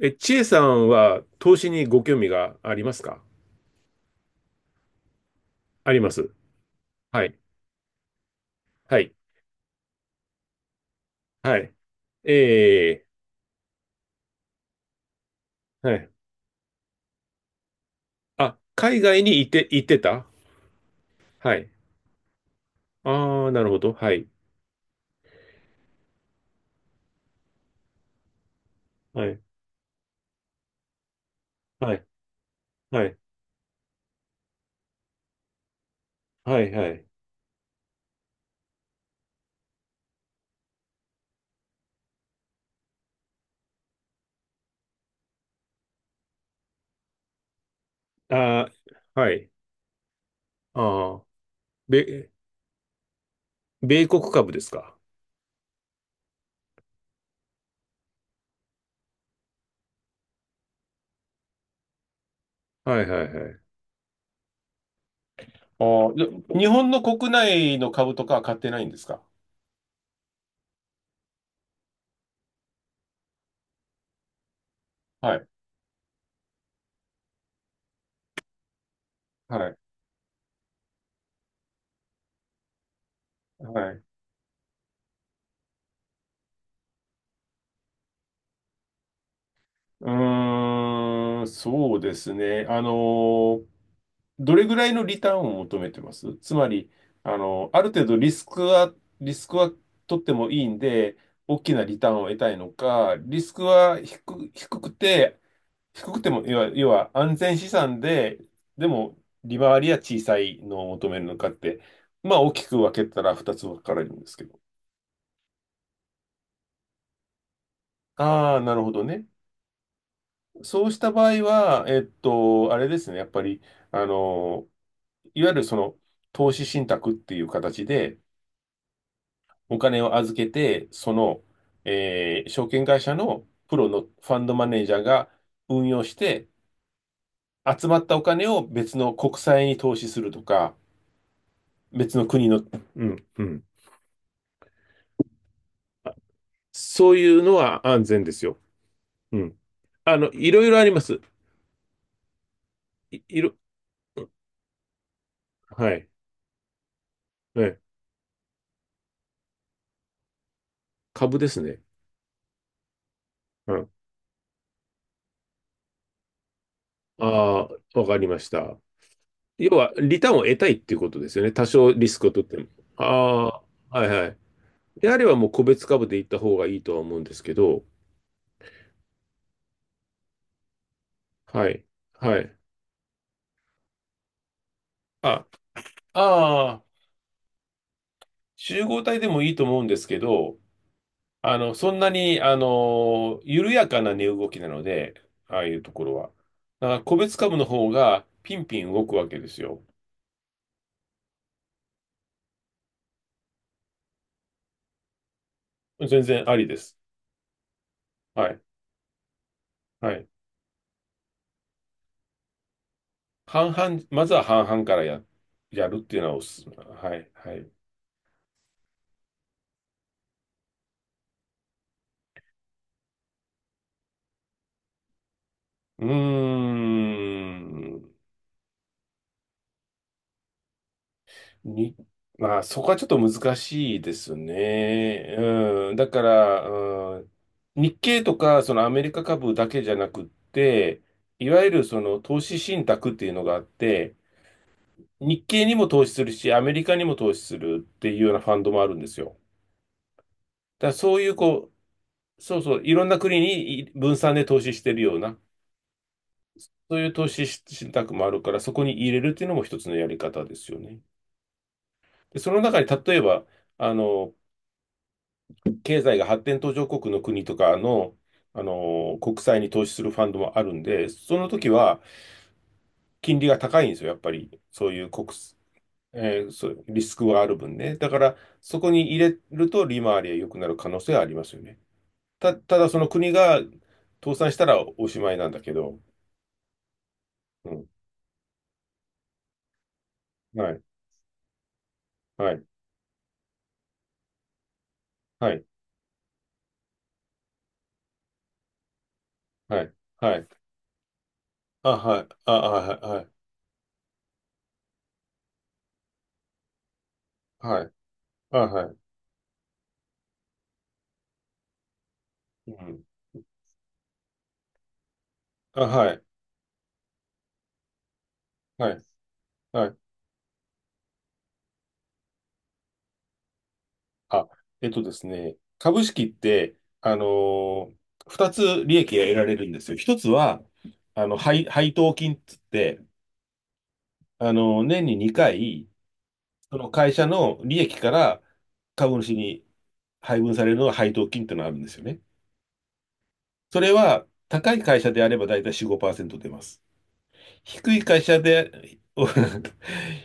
千恵さんは投資にご興味がありますか？あります。はい。はい。はい。えはい。あ、海外にいて、行ってた。はい。ああ、なるほど。はい。はい。はい。はい。はい。はい。あー、はい。ああ、米、米国株ですか？はい。はい。はい。ああ、で日本の国内の株とかは買ってないんですか？はい。はい。はい。うーん、そうですね。どれぐらいのリターンを求めてます？つまり、あの、ある程度リスクは、リスクは取ってもいいんで、大きなリターンを得たいのか、リスクは低、低くて、低くても、要は安全資産で、でも利回りは小さいのを求めるのかって、まあ大きく分けたら2つ分かれるんですけど。ああ、なるほどね。そうした場合は、あれですね、やっぱり、あの、いわゆるその、投資信託っていう形で、お金を預けて、その、証券会社のプロのファンドマネージャーが運用して、集まったお金を別の国債に投資するとか、別の国の、うん、うん。そういうのは安全ですよ。うん。あの、いろいろあります。い、いろ、はい。ええ、株ですね。うん。ああ、わかりました。要は、リターンを得たいっていうことですよね。多少リスクを取っても。ああ、はいはい。であればもう個別株で行った方がいいとは思うんですけど、はい。はい。あ、ああ、集合体でもいいと思うんですけど、あの、そんなに、あの、緩やかな値動きなので、ああいうところは。だから個別株の方がピンピン動くわけですよ。全然ありです。はい。はい。半々、まずは半々からやるっていうのはおすすめ。はい。はい。うーん。に、まあ、そこはちょっと難しいですね。うん。だから、うん、日経とか、そのアメリカ株だけじゃなくって、いわゆるその投資信託っていうのがあって、日経にも投資するし、アメリカにも投資するっていうようなファンドもあるんですよ。だからそういう、こう、そうそう、いろんな国にい分散で投資してるような、そういう投資し信託もあるから、そこに入れるっていうのも一つのやり方ですよね。で、その中に例えば、あの、経済が発展途上国の国とかの、あの、国債に投資するファンドもあるんで、その時は金利が高いんですよ、やっぱり。そういう国、そう、リスクがある分ね。だから、そこに入れると利回りが良くなる可能性はありますよね。ただその国が倒産したらおしまいなんだけど。うん。はい。はい。はい。はい。はい。あ、はい。あ、あはい。はい。はい。あ、はい。うん。あ、はい。はい。はい。あ、えっとですね、株式って、あのー、二つ利益が得られるんですよ。一つは、あの、配当金っつって、年に2回、その会社の利益から株主に配分されるのが配当金っていうのがあるんですよね。それは、高い会社であればだいたい4、5%出ます。低い会社で、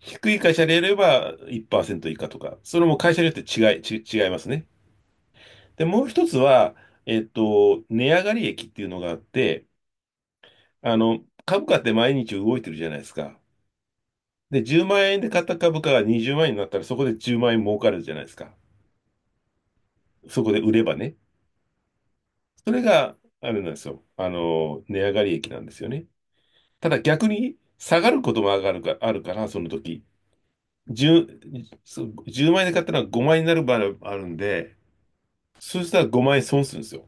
低い会社であれば1%以下とか、それも会社によって違いますね。で、もう一つは、値上がり益っていうのがあって、株価って毎日動いてるじゃないですか。で、10万円で買った株価が20万円になったら、そこで10万円儲かるじゃないですか。そこで売ればね。それが、あれなんですよ。値上がり益なんですよね。ただ逆に、下がることも上がるか、あるから、その時。10、そう1万円で買ったら5万円になる場合があるんで、そしたら5万円損するんですよ。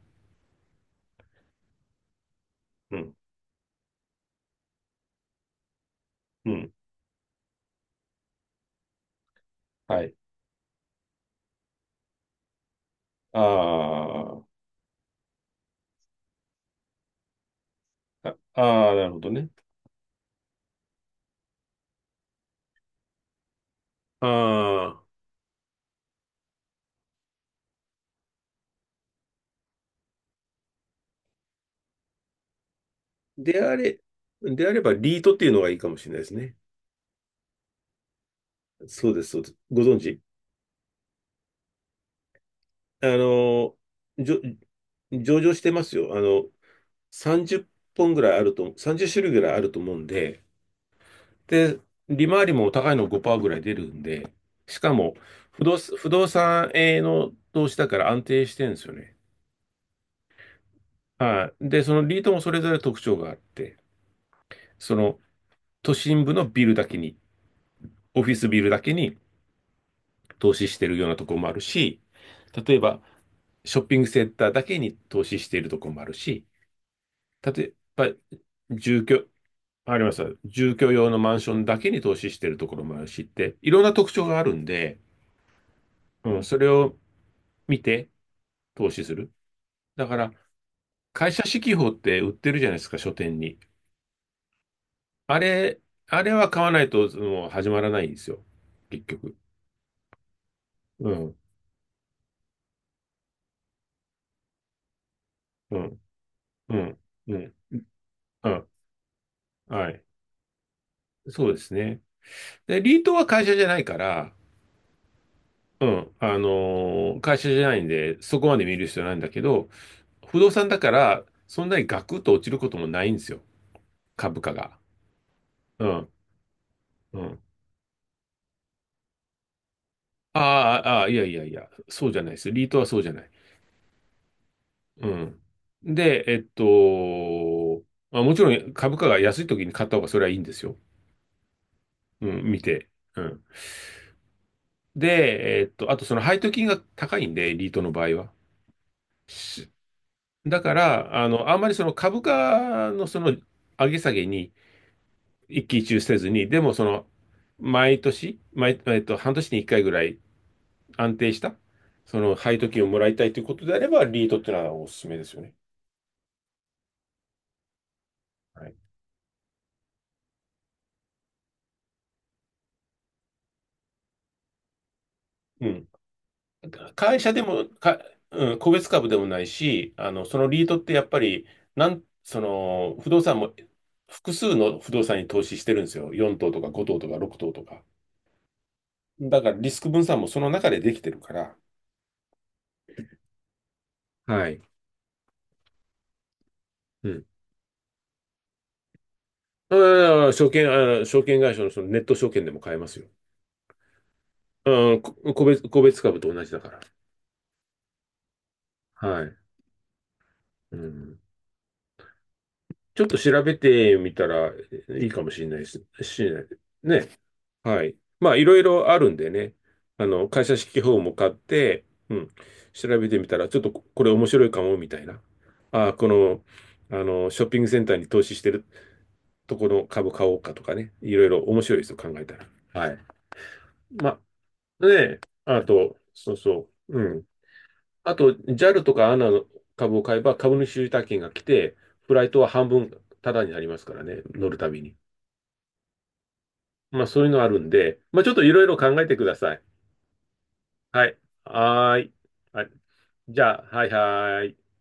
うん。うん。はい。あーあ、ああ、なるほどね。ああ、であれ、であればリートっていうのがいいかもしれないですね。そうです、そうです。ご存知？あの、じょ、上場してますよ。あの、30本ぐらいあると、30種類ぐらいあると思うんで、で、利回りも高いの5%ぐらい出るんで、しかも、不動産への投資だから安定してるんですよね。はい。で、そのリートもそれぞれ特徴があって、その都心部のビルだけに、オフィスビルだけに投資してるようなところもあるし、例えば、ショッピングセンターだけに投資しているところもあるし、例えば、住居、あります。住居用のマンションだけに投資しているところもあるしって、いろんな特徴があるんで、うん、それを見て投資する。だから、会社四季報って売ってるじゃないですか、書店に。あれ、あれは買わないともう始まらないんですよ。結局。うん、うん、うん、うん、うん、はい。そうですね。で、リートは会社じゃないから、うん、会社じゃないんで、そこまで見る必要ないんだけど、不動産だから、そんなにガクッと落ちることもないんですよ、株価が。うん、うん。ああ、ああ、いやいやいや、そうじゃないです。リートはそうじゃない。うん。で、まあ、もちろん株価が安い時に買った方がそれはいいんですよ。うん、見て。うん。で、あとその配当金が高いんで、リートの場合は。し、だから、あの、あんまりその株価のその上げ下げに、一喜一憂せずに、でもその、毎年、毎、えっと、半年に一回ぐらい安定した、その配当金をもらいたいということであれば、リートっていうのはおすすめですよね。はい。うん。会社でも、うん、個別株でもないし、あの、そのリートってやっぱり、その、不動産も、複数の不動産に投資してるんですよ。4棟とか5棟とか6棟とか。だからリスク分散もその中でできてるから。はい。うん。ああ、証券会社のそのネット証券でも買えますよ。うん、こ個別、個別株と同じだから。はい。うん。ちょっと調べてみたらいいかもしれないです。しれないね。はい。まあ、いろいろあるんでね。あの、会社式法も買って、うん。調べてみたら、ちょっとここれ面白いかも、みたいな。ああ、この、あの、ショッピングセンターに投資してるとこの株買おうかとかね。いろいろ面白いですよ、考えたら。はい。まあ、ねえ。あと、そうそう。うん。あと、JAL とかアナの株を買えば株主優待券が来て、フライトは半分タダになりますからね、乗るたびに。まあそういうのあるんで、まあちょっといろいろ考えてください。はい。はーい。あ、じゃあ、はいはーい。